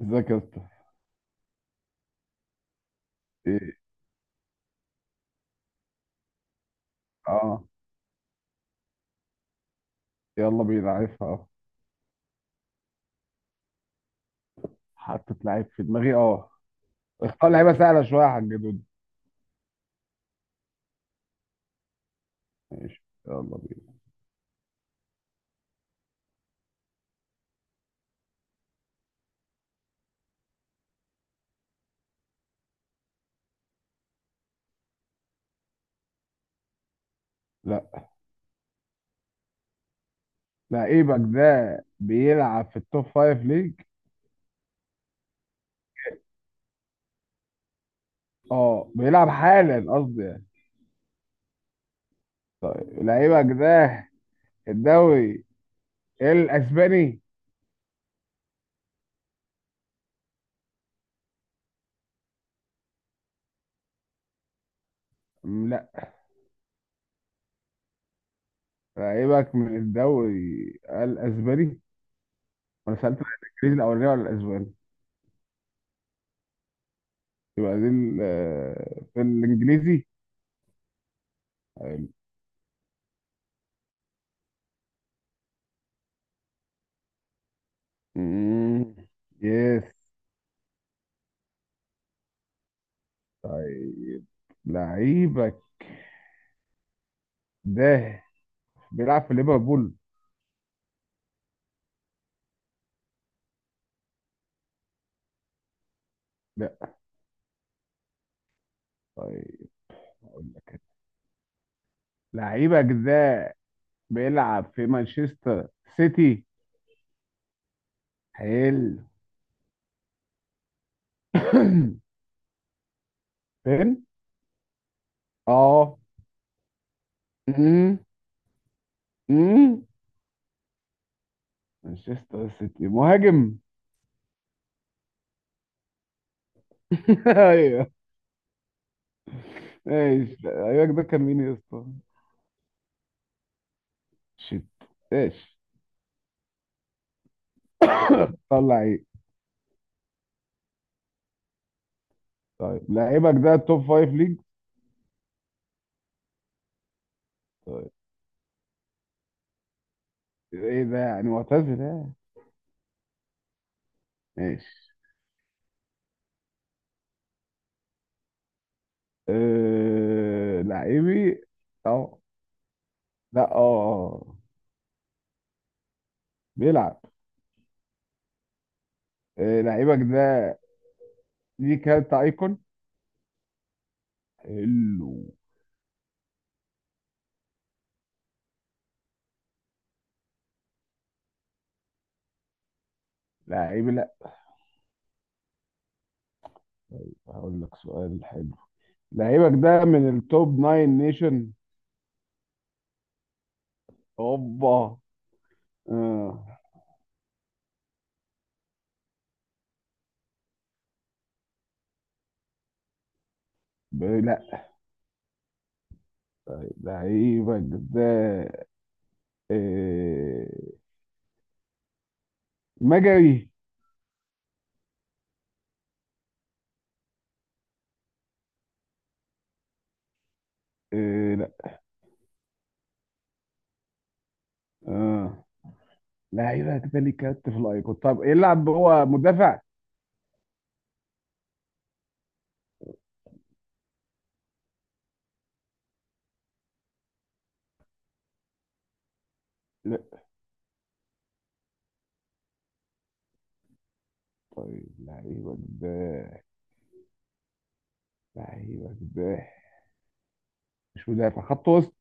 ازيك يا اسطى؟ ايه؟ اه، يلا بينا، عارفها اه. حطيت لعيب في دماغي اه. اختار لعيبه سهله شويه يا حاج دود. ماشي يلا بينا. لا، لعيبك ده بيلعب في التوب فايف ليج؟ اه بيلعب حالا قصدي يعني. طيب لعيبك ده الدوري الاسباني؟ لا، لعيبك من الدوري الاسباني؟ انا سالت الانجليزي الاولاني ولا الاسباني؟ يبقى دي في الانجليزي. حلو. مم. يس. طيب لعيبك ده بيلعب في ليفربول؟ لا. طيب اقول لك أنا. لعيبك ده بيلعب في مانشستر سيتي. حلو. فين؟ اه. أمم، أمم. مانشستر سيتي مهاجم. ايوه. ماشي، لعيبك ده كان مين يا اسطى؟ شيت. ماشي. طلع ايه؟ طيب لعيبك ده توب فايف ليج؟ طيب ايه ده، يعني معتزل، ها؟ ماشي. لعيبي. اه. لا اه بيلعب. لعيبك ده ليه كارت ايكون. حلو. لعيب لا. هقول لك سؤال حلو. لعيبك ده من التوب ناين نيشن؟ اوبا. آه. ب- لا. طيب لعيبك ده آه مجري؟ آه لا. آه لعيبك ده ليه كارت في الايكون، طب يلعب هو مدافع؟ لا. طيب لعيبك ده لعيبه سباح، مش مدافع خط وسط.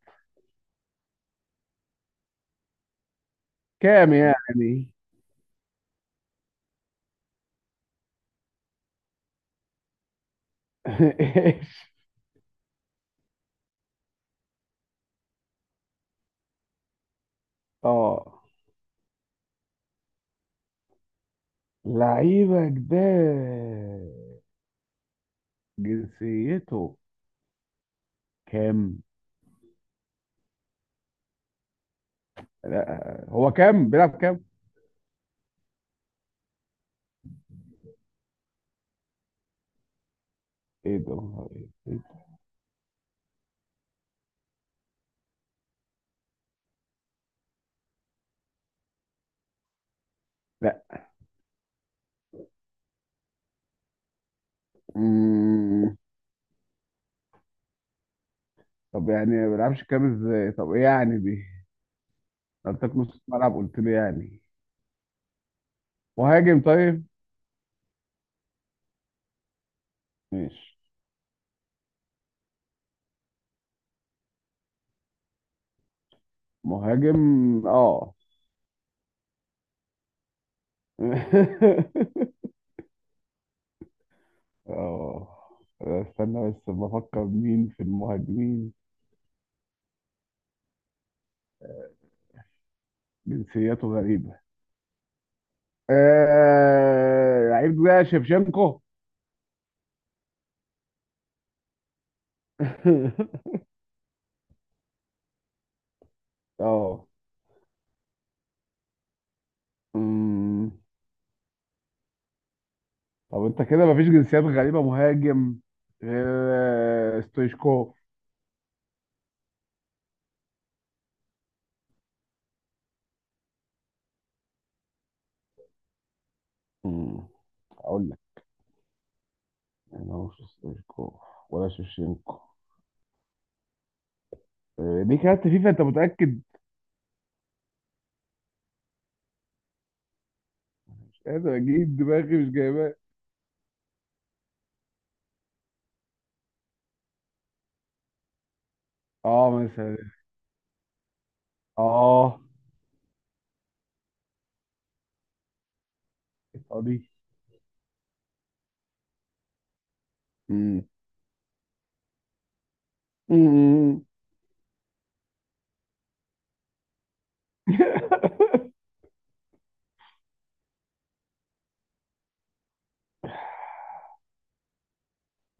كام يعني؟ ايش؟ اه، لعيبه جداد. جنسيته كام؟ لا هو كام، بيلعب كام؟ ايه ده؟ لا. مم. طب يعني ما بيلعبش كام؟ ازاي طب ايه يعني دي؟ قلتلك نص ملعب قلت لي يعني مهاجم. طيب ماشي، مهاجم اه. اه. استنى بس، بفكر مين في المهاجمين. جنسيته غريبة. لعيب ده شevchenko. اه. أمم. طب انت كده مفيش جنسيات غريبة مهاجم غير ستويشكوف. أمم. اقول لك، انا مش ستويشكوف ولا شيفشينكو؟ دي كانت فيفا؟ انت متأكد؟ مش قادر اجيب دماغي، مش جايباه. اه مثلا. اه دي. أمم. أمم.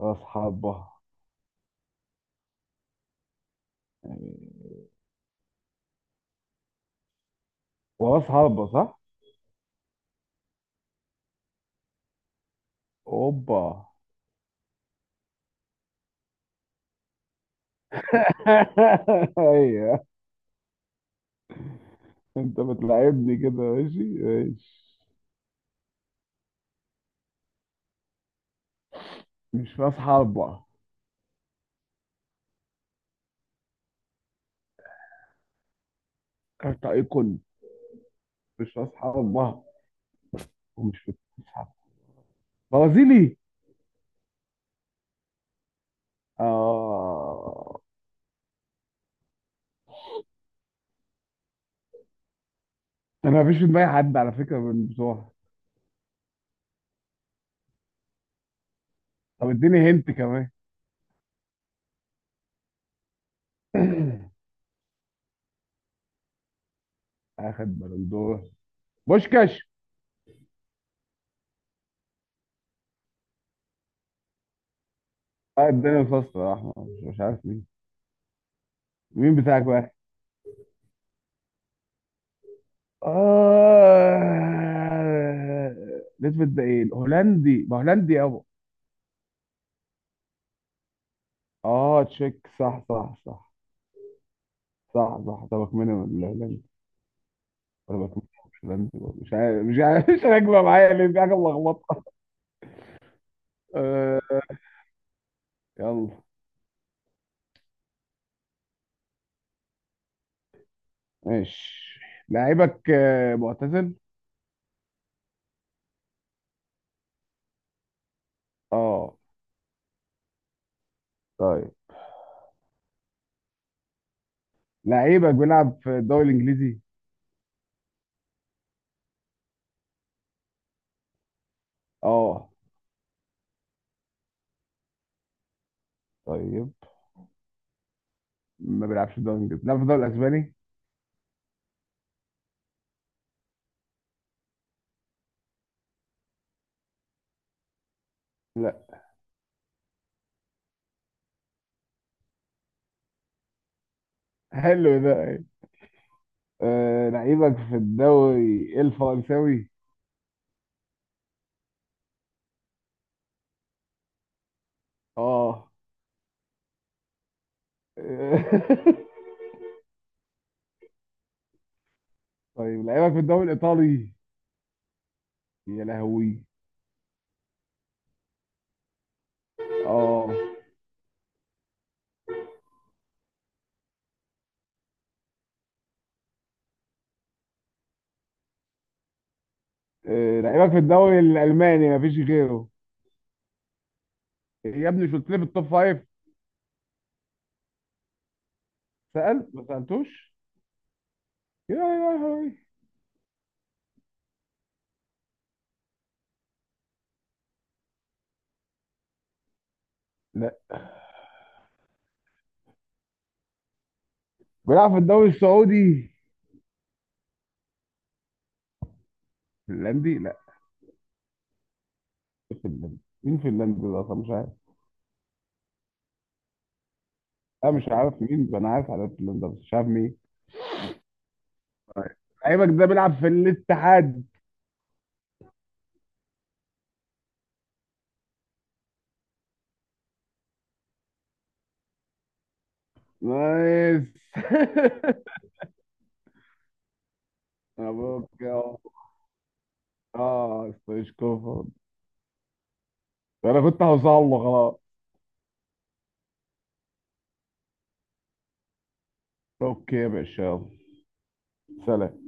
راس حربة. آه، وراس حربة، صح؟ اوبا. ايوه. انت بتلعبني كده؟ ماشي ماشي. مش في اصحابها. كارت ايقون. مش في اصحابها. ومش في اصحابها. برازيلي. اه. انا مفيش في دماغي حد على فكره من بتوعها. طب اديني هنت كمان. اخد بالندور. بوشكاش. اه الدنيا الفصل يا احمد، مش عارف مين. مين بتاعك بقى؟ اه. نسبة ده ايه، الهولندي؟ ما هولندي يابا. اه تشيك، صح صح صح، صح صح. طبق منهم الاعلامي؟ طبق منهم، مش اعلامي، مش عارف، مش عارف. مش راكبه معايا ليه، في حاجه ملخبطه. آه، يلا. ماشي. لعيبك معتزل؟ اه. طيب لعيبك بيلعب في الدوري الانجليزي؟ اه. طيب ما بيلعبش في الدوري الانجليزي، بيلعب في الدوري الاسباني. لا. حلو ده. أيوة. آه، لعيبك في الدوري الفرنساوي؟ اه. طيب لعيبك في الدوري الايطالي؟ يا لهوي. اه. آه، لعيبك في الدوري الالماني، مفيش غيره. يا ابني مش قلت لي في التوب فايف؟ سألت ما سألتوش. يا يا يا لا. بيلعب في الدوري السعودي؟ فنلندي لا؟ فنلندي مين، فنلندي ده اصلا مش عارف. انا مش عارف مين، انا عارف على فنلندا بس مش عارف مين. لعيبك ده بيلعب في الاتحاد؟ نايس. مبروك يا عم. اه، ستويشكوف. انا كنت هوصل له خلاص. اوكي يا باشا يلا. سلام.